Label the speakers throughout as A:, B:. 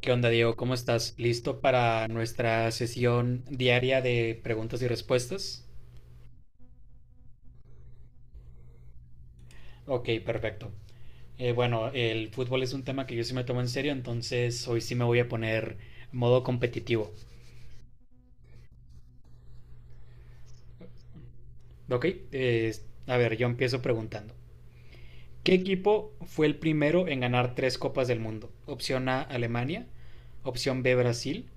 A: ¿Qué onda, Diego? ¿Cómo estás? ¿Listo para nuestra sesión diaria de preguntas y respuestas? Ok, perfecto. Bueno, el fútbol es un tema que yo sí me tomo en serio, entonces hoy sí me voy a poner modo competitivo. Ok, eh, a ver, yo empiezo preguntando. ¿Qué equipo fue el primero en ganar tres copas del mundo? Opción A, Alemania. Opción B, Brasil.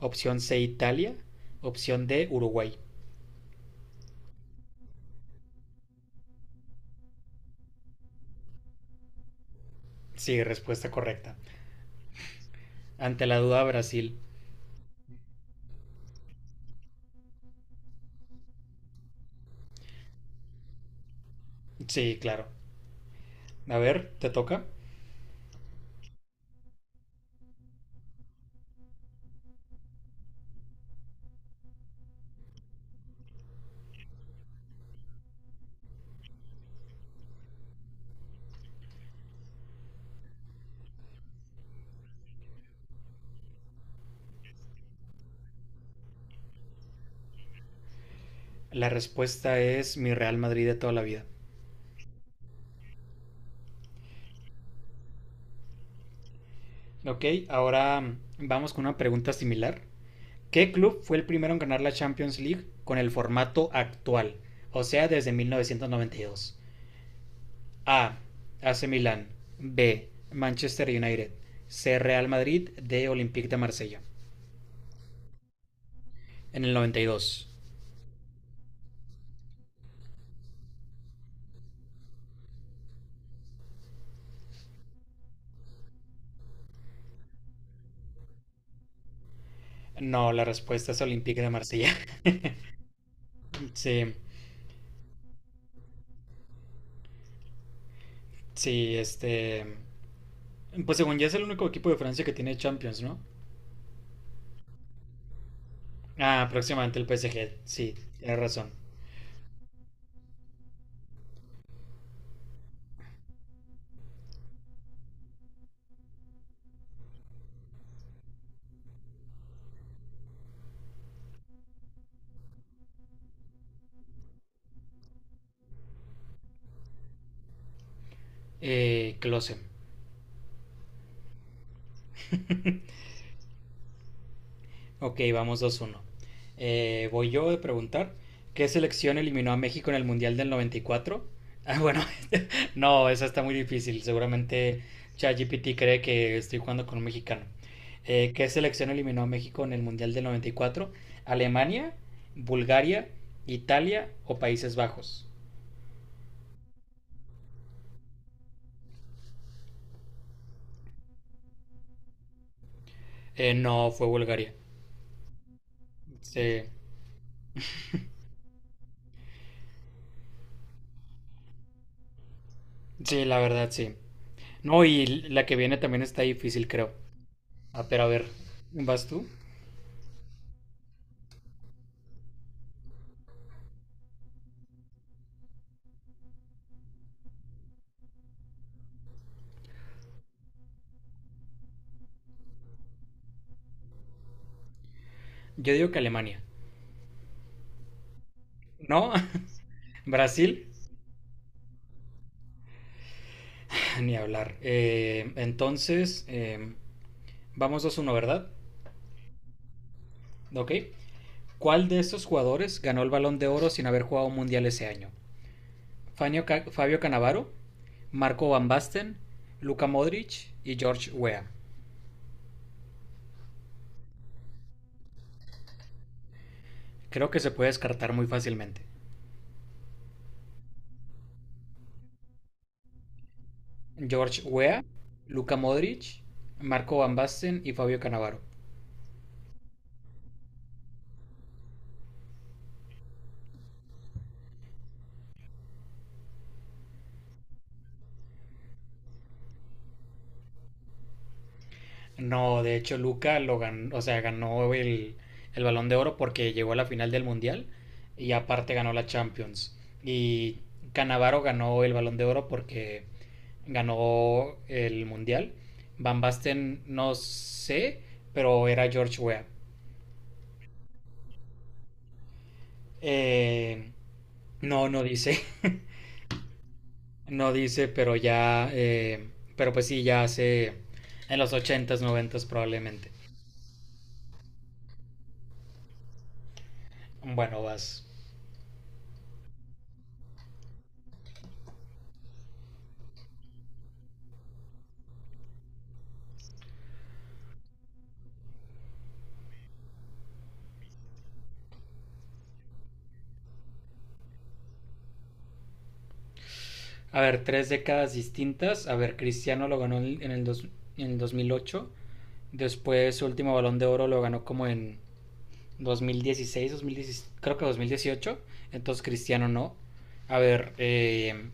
A: Opción C, Italia. Opción D, Uruguay. Sí, respuesta correcta. Ante la duda, Brasil. Sí, claro. A ver, te toca. La respuesta es mi Real Madrid de toda la vida. Ok, ahora vamos con una pregunta similar. ¿Qué club fue el primero en ganar la Champions League con el formato actual? O sea, ¿desde 1992? A. A. AC Milán. B. Manchester United. C. Real Madrid. D. Olympique de Marsella. En el 92. No, la respuesta es Olympique de Marsella. Sí, sí, este. Pues según ya es el único equipo de Francia que tiene Champions, ¿no? Ah, próximamente el PSG. Sí, tienes razón. Klose. Ok, vamos 2-1. Voy yo a preguntar. ¿Qué selección eliminó a México en el Mundial del 94? Ah, bueno, no, esa está muy difícil. Seguramente ChatGPT cree que estoy jugando con un mexicano. ¿Qué selección eliminó a México en el Mundial del 94? ¿Alemania, Bulgaria, Italia o Países Bajos? No, fue Bulgaria. Sí, sí, la verdad sí. No, y la que viene también está difícil, creo. Ah, pero a ver, ¿vas tú? Yo digo que Alemania. No, Brasil, ni hablar. Entonces, vamos dos uno, ¿verdad? Ok. ¿Cuál de estos jugadores ganó el balón de oro sin haber jugado un mundial ese año? Fabio Canavaro, Marco Van Basten, Luka Modric y George Weah. Creo que se puede descartar muy fácilmente. George Weah, Luka Modric, Marco Van Basten y Fabio Canavaro. No, de hecho Luca lo ganó, o sea, ganó el Balón de Oro porque llegó a la final del Mundial y aparte ganó la Champions. Y Canavaro ganó el Balón de Oro porque ganó el Mundial. Van Basten no sé, pero era George Weah. Eh, no, no dice. No dice, pero ya... pero pues sí, ya hace en los ochentas noventas probablemente. Bueno, vas. A ver, tres décadas distintas. A ver, Cristiano lo ganó en el 2008. Después su último balón de oro lo ganó como en 2016, 2016 creo que 2018. Entonces Cristiano no. A ver,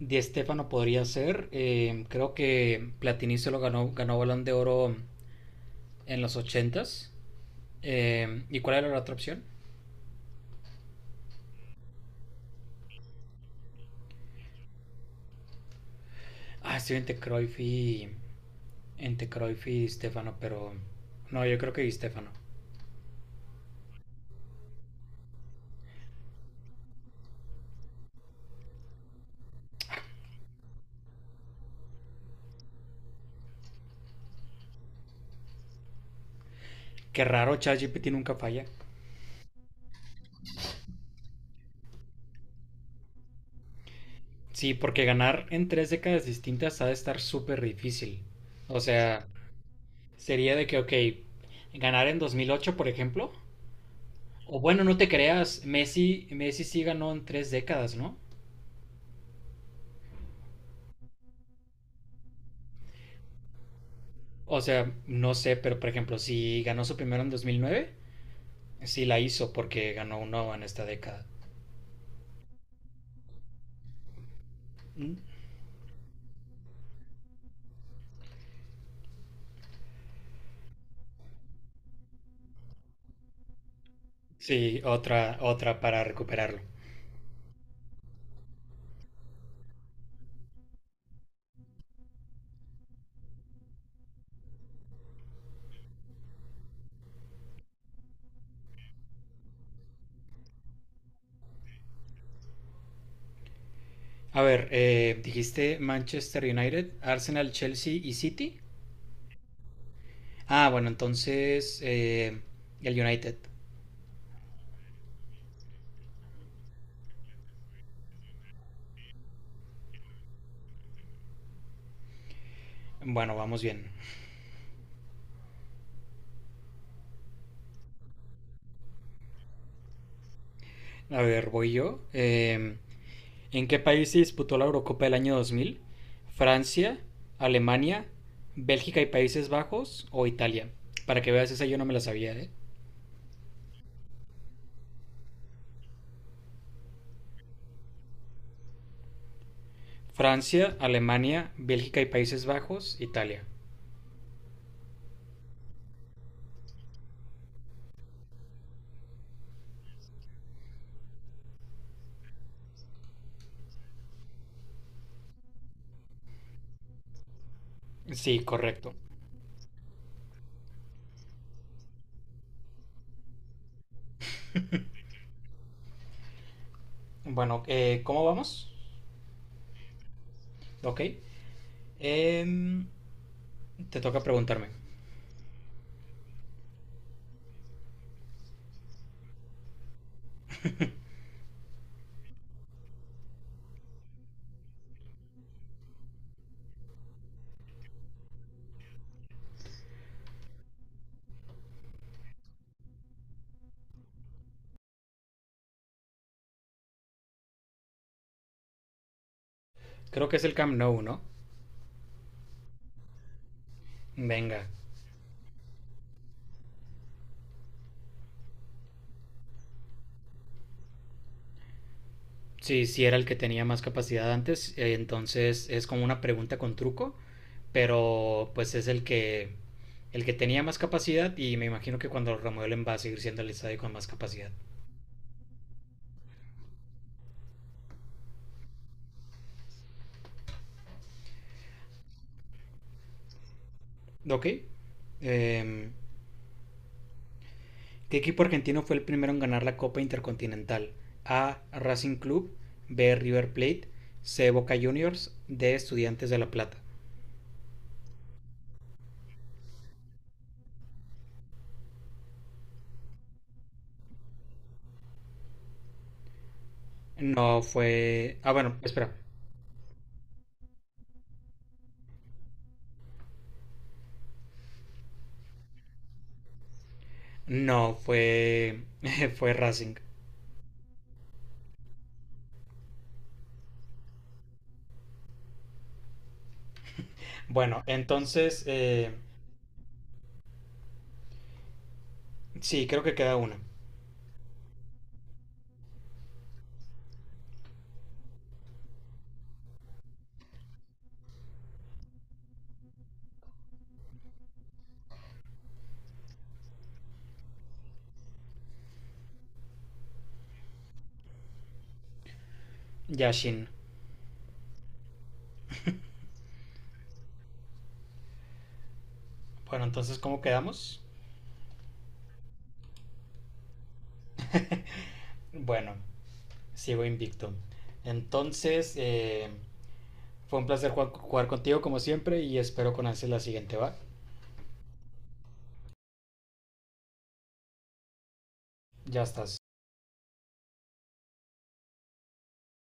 A: Di Stéfano podría ser. Creo que Platini se lo ganó, ganó balón de oro en los ochentas. ¿Y cuál era la otra opción? Ah, estoy entre entre Cruyff y Di Stefano, pero no, yo creo que Di Stéfano. Qué raro, ChatGPT nunca falla. Sí, porque ganar en tres décadas distintas ha de estar súper difícil. O sea, sería de que, ok, ganar en 2008, por ejemplo. O bueno, no te creas, Messi sí ganó en tres décadas, ¿no? O sea, no sé, pero por ejemplo, si ganó su primero en 2009. Sí la hizo porque ganó uno en esta década. ¿Mm? Sí, otra, otra para recuperarlo. A ver, dijiste Manchester United, Arsenal, Chelsea y City. Ah, bueno, entonces el United. Bueno, vamos bien. A ver, voy yo. ¿En qué país se disputó la Eurocopa del año 2000? ¿Francia, Alemania, Bélgica y Países Bajos o Italia? Para que veas, esa yo no me la sabía, ¿eh? Francia, Alemania, Bélgica y Países Bajos, Italia. Sí, correcto. Bueno, ¿cómo vamos? Ok. Em, te toca preguntarme. Creo que es el Camp Nou, ¿no? Venga. Sí, sí era el que tenía más capacidad antes, entonces es como una pregunta con truco, pero pues es el que tenía más capacidad y me imagino que cuando lo remueven va a seguir siendo el estadio con más capacidad. Ok. Eh, ¿Qué equipo argentino fue el primero en ganar la Copa Intercontinental? A. Racing Club, B. River Plate, C. Boca Juniors, D. Estudiantes de La Plata. No fue... Ah, bueno, espera. No, fue... fue Racing. Bueno, sí, creo que queda una. Yashin. Bueno, entonces, ¿cómo quedamos? Bueno, sigo invicto. Entonces, eh, fue un placer jugar contigo como siempre y espero con ansias la siguiente, ¿va? Ya estás.